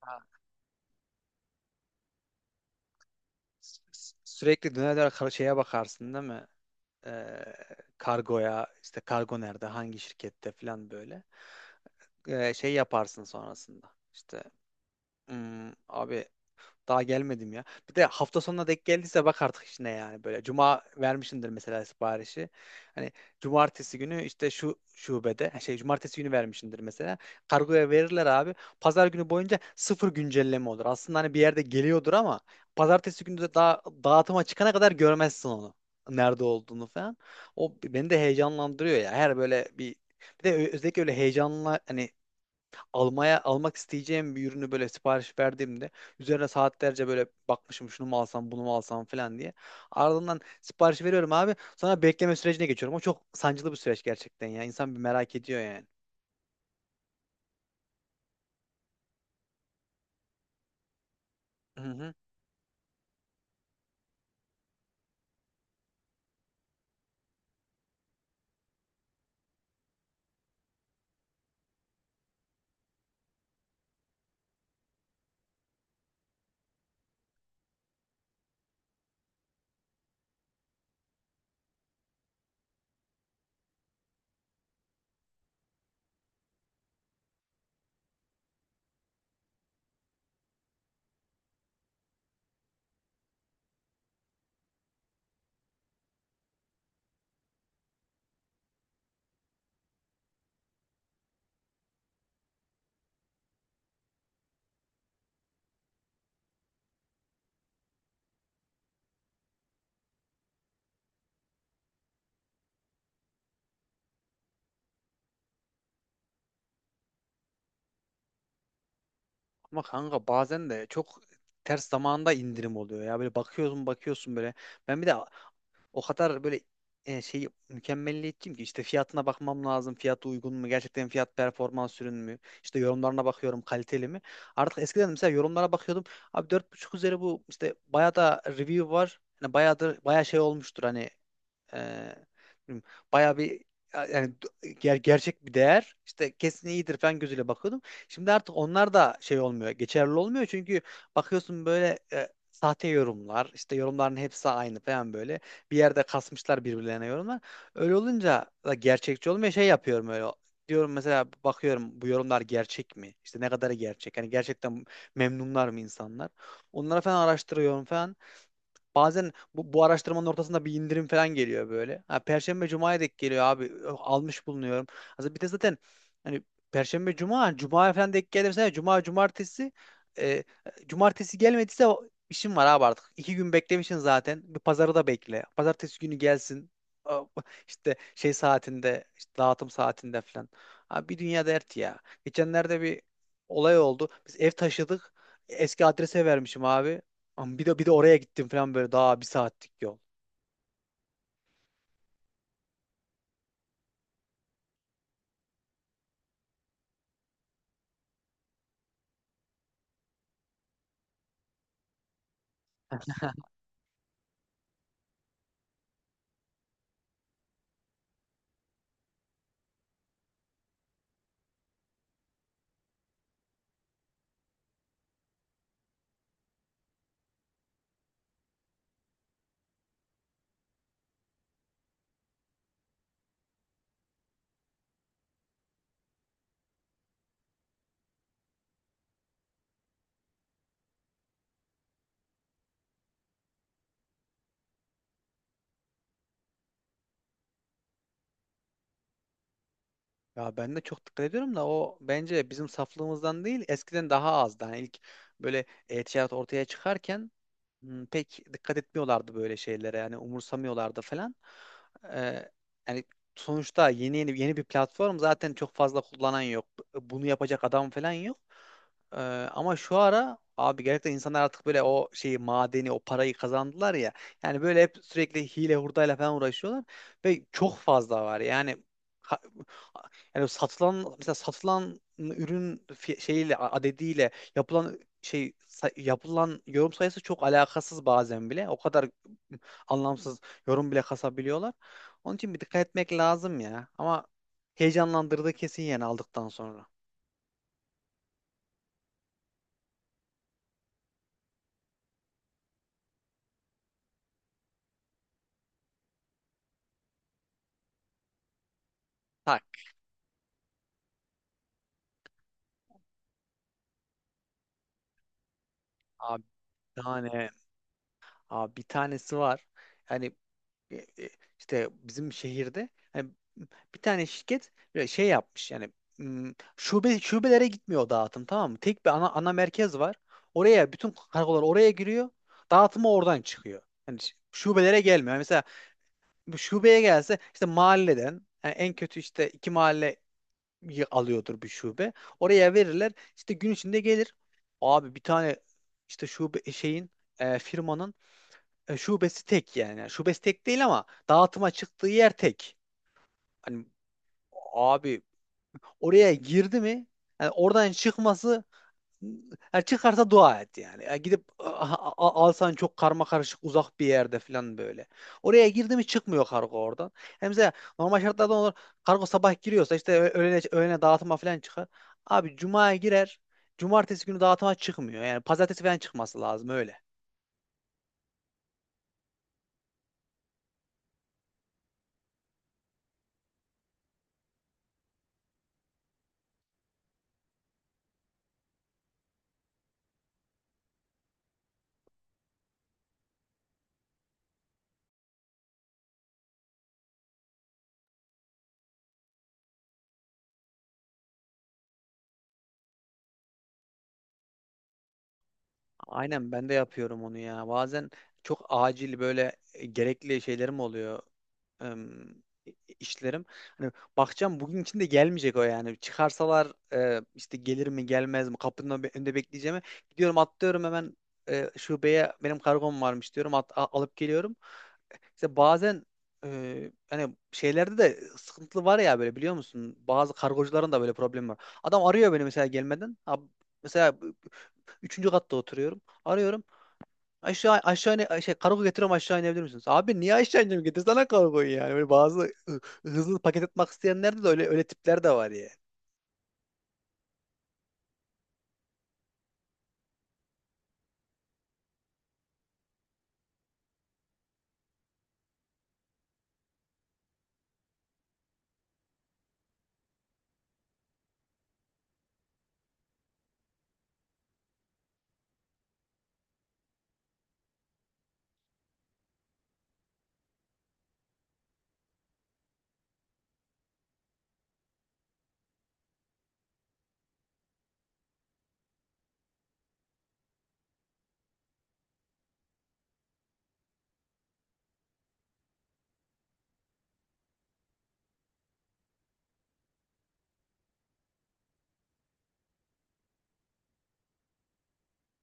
Ha, sürekli döner döner şeye bakarsın değil mi? Ee, Kargoya işte kargo nerede hangi şirkette falan böyle. Şey yaparsın sonrasında. İşte "Hmm, abi daha gelmedim ya." Bir de hafta sonuna denk geldiyse bak artık işine yani böyle. Cuma vermişindir mesela siparişi. Hani cumartesi günü işte şu şubede şey cumartesi günü vermişindir mesela. Kargoya verirler abi. Pazar günü boyunca sıfır güncelleme olur. Aslında hani bir yerde geliyordur ama pazartesi günü de daha dağıtıma çıkana kadar görmezsin onu. Nerede olduğunu falan. O beni de heyecanlandırıyor ya. Her böyle bir de özellikle öyle heyecanla hani almak isteyeceğim bir ürünü böyle sipariş verdiğimde üzerine saatlerce böyle bakmışım şunu mu alsam bunu mu alsam falan diye. Ardından sipariş veriyorum abi. Sonra bekleme sürecine geçiyorum. O çok sancılı bir süreç gerçekten ya. İnsan bir merak ediyor yani. Hı hı. Ama kanka bazen de çok ters zamanda indirim oluyor ya. Böyle bakıyorsun bakıyorsun böyle. Ben bir de o kadar böyle şey mükemmelliyetçiyim ki işte fiyatına bakmam lazım. Fiyatı uygun mu? Gerçekten fiyat performans ürün mü? İşte yorumlarına bakıyorum, kaliteli mi? Artık eskiden mesela yorumlara bakıyordum. Abi 4.5 üzeri bu işte bayağı da review var. Hani bayağı da bayağı şey olmuştur hani ee, bilmiyorum, bayağı bir yani gerçek bir değer işte kesin iyidir falan gözüyle bakıyordum. Şimdi artık onlar da şey olmuyor, geçerli olmuyor çünkü bakıyorsun böyle sahte yorumlar, işte yorumların hepsi aynı falan böyle. Bir yerde kasmışlar birbirlerine yorumlar. Öyle olunca da gerçekçi olmuyor. Şey yapıyorum öyle. Diyorum mesela bakıyorum, bu yorumlar gerçek mi? İşte ne kadarı gerçek? Hani gerçekten memnunlar mı insanlar? Onlara falan araştırıyorum falan. Bazen bu araştırmanın ortasında bir indirim falan geliyor böyle. Ha, Perşembe Cuma'ya denk geliyor abi. Ö, almış bulunuyorum. Aslında bir de zaten hani Perşembe Cuma, Cuma falan denk gelirse Cuma Cumartesi, e, cumartesi gelmediyse işim var abi artık. İki gün beklemişsin zaten. Bir pazarı da bekle. Pazartesi günü gelsin. A- İşte şey saatinde, işte dağıtım saatinde falan. Abi bir dünya dert ya. Geçenlerde bir olay oldu. Biz ev taşıdık. Eski adrese vermişim abi. Ama bir de oraya gittim falan böyle, daha bir saatlik yol. Ya ben de çok dikkat ediyorum da o bence bizim saflığımızdan değil, eskiden daha azdı. Hani ilk böyle e-ticaret ortaya çıkarken pek dikkat etmiyorlardı böyle şeylere, yani umursamıyorlardı falan. Ee, Yani sonuçta yeni bir platform, zaten çok fazla kullanan yok. Bunu yapacak adam falan yok. Ee, Ama şu ara abi gerçekten insanlar artık böyle o şeyi madeni o parayı kazandılar ya. Yani böyle hep sürekli hile hurdayla falan uğraşıyorlar ve çok fazla var. Yani ha- yani satılan mesela satılan ürün şeyiyle adediyle yapılan yapılan yorum sayısı çok alakasız bazen bile. O kadar anlamsız yorum bile kasabiliyorlar. Onun için bir dikkat etmek lazım ya. Ama heyecanlandırdı kesin yani aldıktan sonra. Tak. Abi bir tane, abi bir tanesi var. Yani e, e, işte bizim şehirde hani bir tane şirket böyle şey yapmış yani şube şubelere gitmiyor o dağıtım, tamam mı? Tek bir ana merkez var. Bütün kargolar oraya giriyor. Dağıtımı oradan çıkıyor. Hani şubelere gelmiyor. Yani mesela bu şubeye gelse işte mahalleden, yani en kötü işte iki mahalle alıyordur bir şube. Oraya verirler. İşte gün içinde gelir. Abi bir tane işte şube e, şeyin e, firmanın e, şubesi tek yani. Yani şubesi tek değil ama dağıtıma çıktığı yer tek. Hani abi oraya girdi mi, yani oradan çıkması, çıkarsa dua et yani. Yani gidip alsan çok karma karışık uzak bir yerde falan böyle. Oraya girdi mi çıkmıyor kargo oradan. Yani mesela normal şartlarda olur, kargo sabah giriyorsa işte öğlene dağıtıma falan çıkar. Abi cumaya girer. Cumartesi günü dağıtıma çıkmıyor. Yani pazartesi falan çıkması lazım öyle. Aynen ben de yapıyorum onu ya. Bazen çok acil böyle gerekli şeylerim oluyor. em, işlerim. Hani bakacağım bugün içinde gelmeyecek o yani. Çıkarsalar işte gelir mi gelmez mi, kapının önünde bekleyeceğimi gidiyorum atlıyorum hemen şubeye, benim kargom varmış diyorum, alıp geliyorum. İşte bazen hani şeylerde de sıkıntılı var ya böyle, biliyor musun? Bazı kargocuların da böyle problemi var. Adam arıyor beni mesela gelmeden. Mesela üçüncü katta oturuyorum. Arıyorum. Aşağı, ne şey kargo getiriyorum, aşağı inebilir misiniz? Abi niye aşağı ineceğim? Getirsene kargoyu yani. Böyle bazı hızlı paket atmak isteyenlerde de öyle öyle tipler de var ya.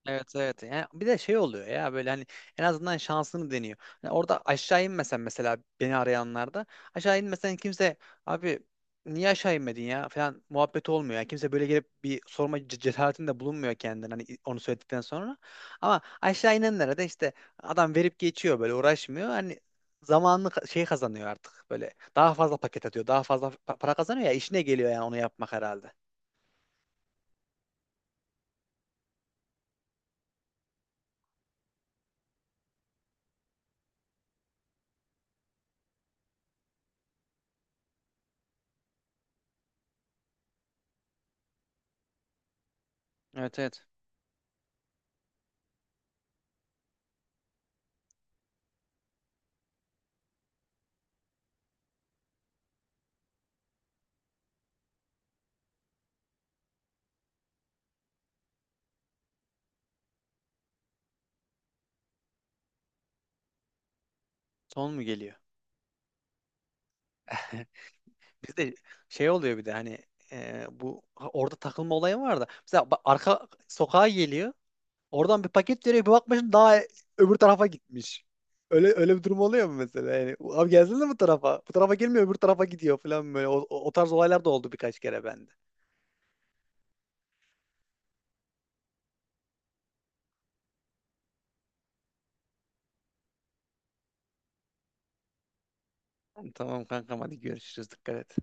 Evet, evet. Yani bir de şey oluyor ya böyle hani en azından şansını deniyor. Hani orada aşağı inmesen, mesela beni arayanlarda aşağı inmesen, kimse abi niye aşağı inmedin ya falan muhabbet olmuyor. Yani kimse böyle gelip bir sorma cesaretinde bulunmuyor kendine, hani onu söyledikten sonra. Ama aşağı inenlere de işte adam verip geçiyor, böyle uğraşmıyor. Hani zamanını şey kazanıyor artık, böyle daha fazla paket atıyor, daha fazla para kazanıyor ya, işine geliyor yani onu yapmak herhalde. Evet, evet. Son mu geliyor? Bizde şey oluyor bir de hani orada takılma olayı var da. Mesela bak, arka sokağa geliyor. Oradan bir paket veriyor. Bir bakmışsın daha öbür tarafa gitmiş. Öyle öyle bir durum oluyor mu mesela? Yani abi gelsene bu tarafa. Bu tarafa gelmiyor, öbür tarafa gidiyor falan böyle. O tarz olaylar da oldu birkaç kere bende. Tamam kankam, hadi görüşürüz. Dikkat et.